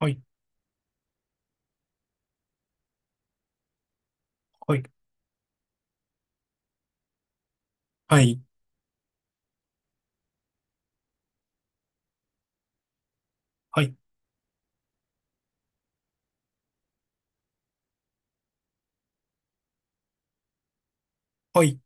はい、はい、はい、はい、はい。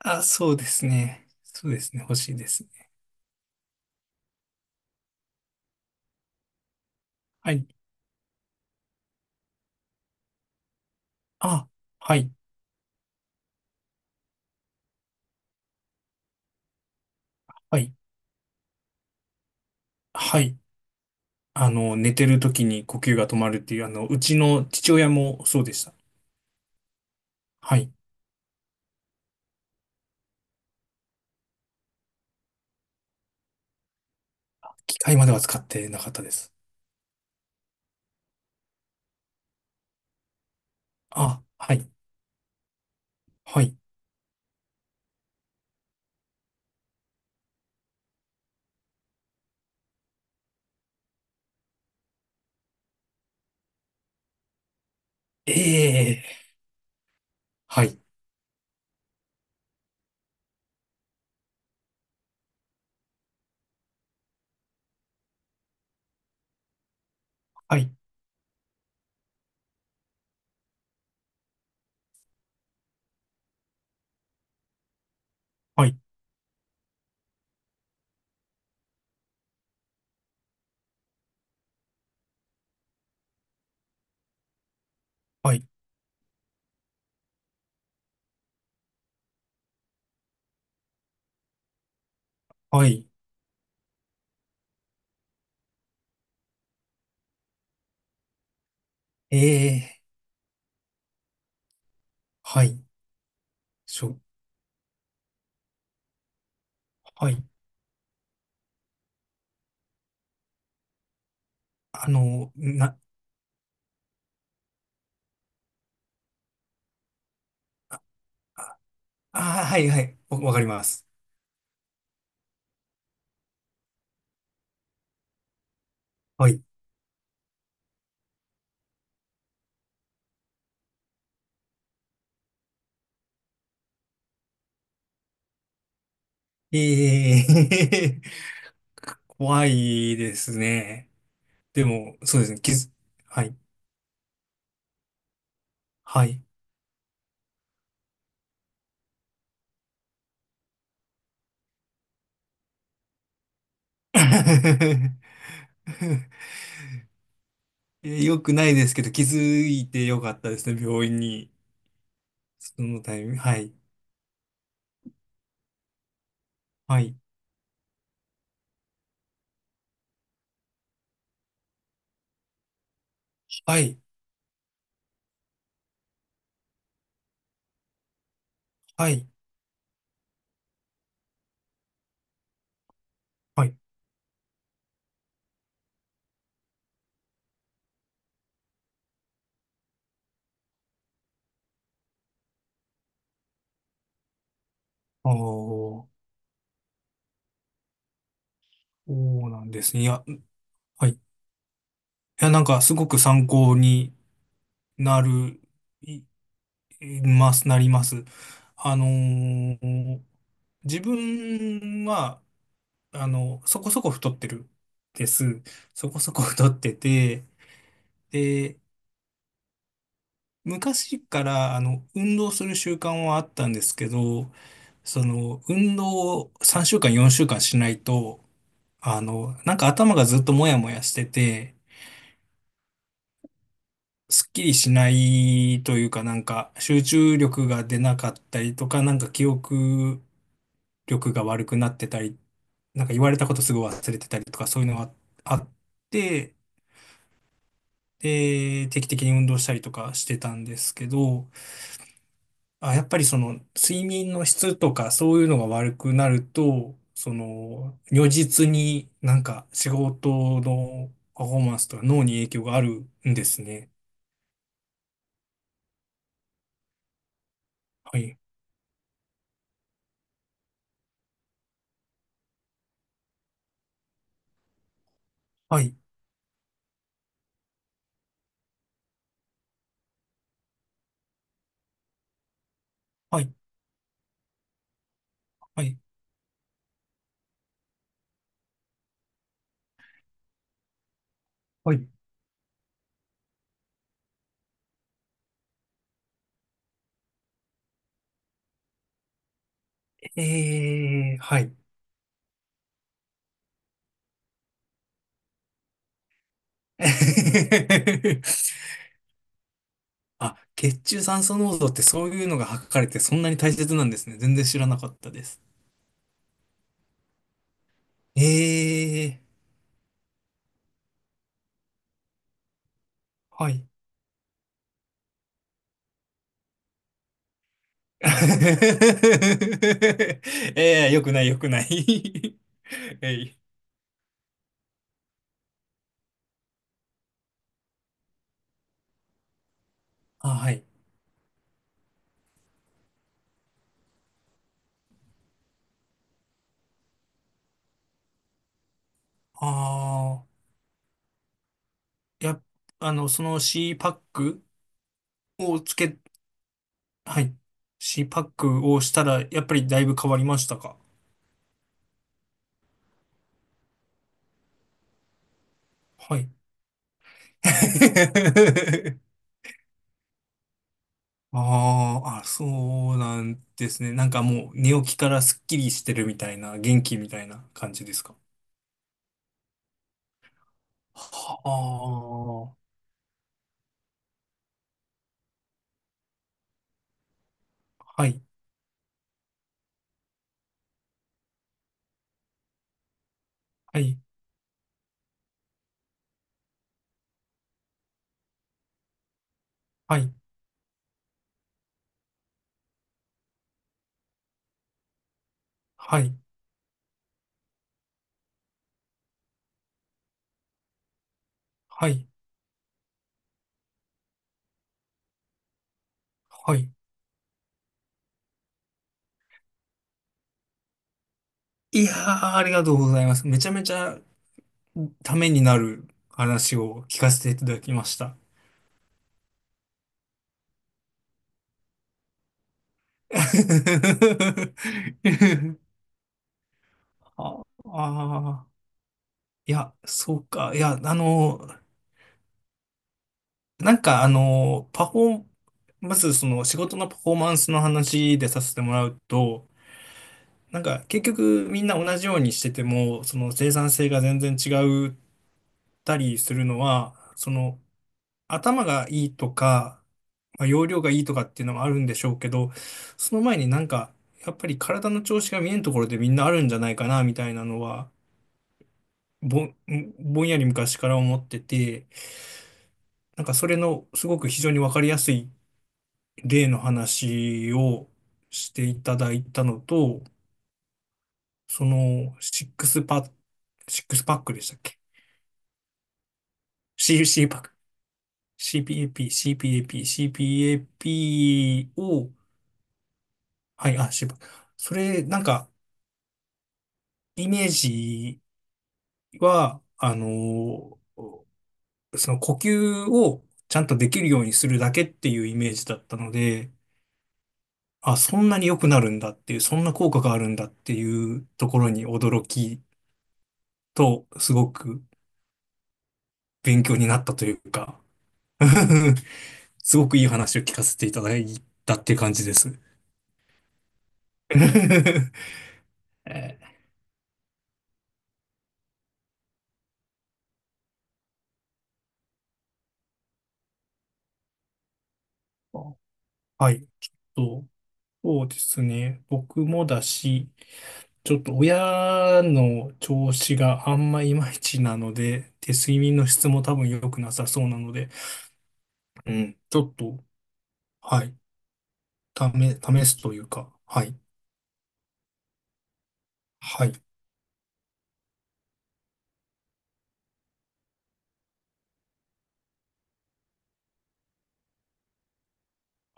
あ、そうですね。そうですね。欲しいですね。はい。あ、はい、はい、はい。寝てる時に呼吸が止まるっていう、うちの父親もそうでした。はい。機械までは使ってなかったです。あ、はい、はい。ええ、はい、はい、はい、はい、はい。ええ、はい。しょ、はい。あの、な、あ、はい、はい。わかります。はい。ええ。 怖いですね。でも、そうですね。はい。はい。よくないですけど、気づいてよかったですね。病院に。そのタイミング。はい。はい。はい。はい。はい。ああ、そうなんですね。いや、はい。いや、なんか、すごく参考になる、い、います、なります。あのー自分は、そこそこ太ってるです。そこそこ太ってて、で、昔から運動する習慣はあったんですけど、その、運動を3週間、4週間しないと、なんか頭がずっともやもやしてて、すっきりしないというか、なんか集中力が出なかったりとか、なんか記憶力が悪くなってたり、なんか言われたことすぐ忘れてたりとか、そういうのがあって、で、定期的に運動したりとかしてたんですけど、あ、やっぱりその睡眠の質とかそういうのが悪くなると、その如実になんか仕事のパフォーマンスとか脳に影響があるんですね。はい。はい。はい。はい。はい。えー、はい。あ、血中酸素濃度ってそういうのが測れてそんなに大切なんですね。全然知らなかったです。えー、はい。ええ、よくない、よくない。 えい。あ、はい。ああ、や、その C パックをつけ、はい。C パックをしたら、やっぱりだいぶ変わりましたか？はい。あーあ、そうなんですね。なんかもう寝起きからスッキリしてるみたいな、元気みたいな感じですか？はあ、はい、はい、はい、はい、はい、はい。いやー、ありがとうございます。めちゃめちゃためになる話を聞かせていただきました。ああー、いや、そうか。いや、なんかパフォー、まずその仕事のパフォーマンスの話でさせてもらうと、なんか結局みんな同じようにしてても、その生産性が全然違ったりするのは、その、頭がいいとか、まあ、容量がいいとかっていうのもあるんでしょうけど、その前になんか、やっぱり体の調子が見えんところでみんなあるんじゃないかな、みたいなのは、ぼん、ぼんやり昔から思ってて、なんかそれのすごく非常にわかりやすい例の話をしていただいたのと、その、シックスパックでしたっけ？ C パック。CPAP、CPAP、CPAP を、はい、あ、渋。それ、なんか、イメージは、ーその呼吸をちゃんとできるようにするだけっていうイメージだったので、あ、そんなに良くなるんだっていう、そんな効果があるんだっていうところに驚きと、すごく勉強になったというか、すごくいい話を聞かせていただいたっていう感じです。えー、はい。ちょっと、そうですね。僕もだし、ちょっと親の調子があんまいまいちなので、で、睡眠の質も多分良くなさそうなので、うん、ちょっと、はい、試すというか、はい、はい、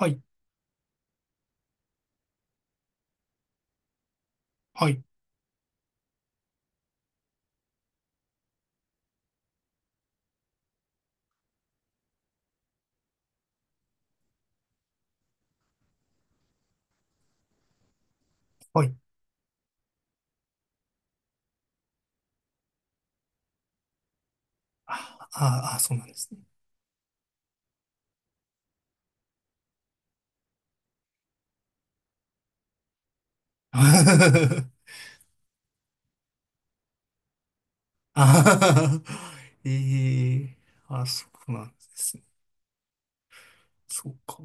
はい、はい、はい、あーあー、そうなんですね。あー、ええ、あ、そうなんですね。そうか。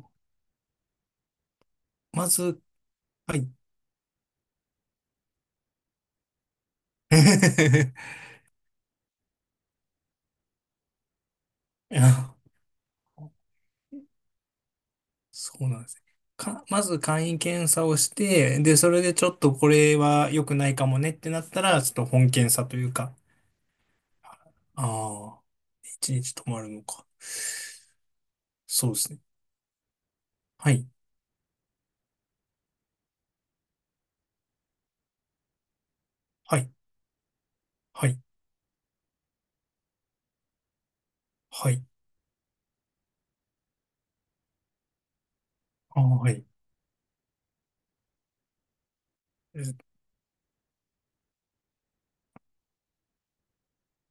まず、はい。あ、そうなんですね。まず簡易検査をして、で、それでちょっとこれは良くないかもねってなったら、ちょっと本検査というか、ああ、一日止まるのか。そうですね。はい、はい、はい、はい、ああ、はい、え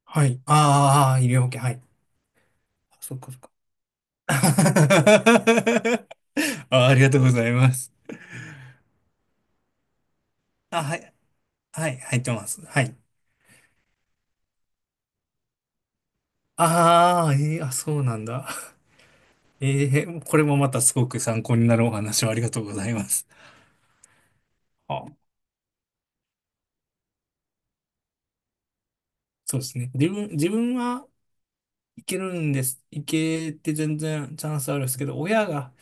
はい、あーあー、医療保険、はい。あ、そっかそっか。あ、ありがとうございます。あ、はい、はい、入ってます。はい。ああ、あ、そうなんだ。ええ、これもまたすごく参考になるお話をありがとうございます。あ、そうですね。自分はいけるんです。いけて全然チャンスあるんですけど、親が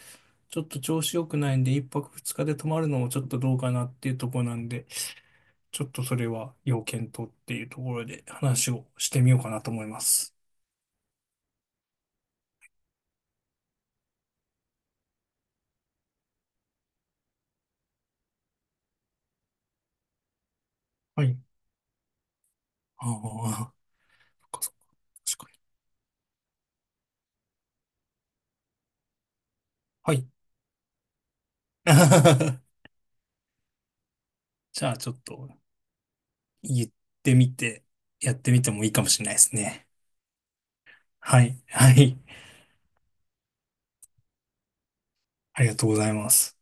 ちょっと調子良くないんで、一泊二日で泊まるのもちょっとどうかなっていうところなんで、ちょっとそれは要検討っていうところで話をしてみようかなと思います。はい。ああ、そっかそっか。確かに。はい。じゃあちょっと言ってみて、やってみてもいいかもしれないですね。はい。はい。ありがとうございます。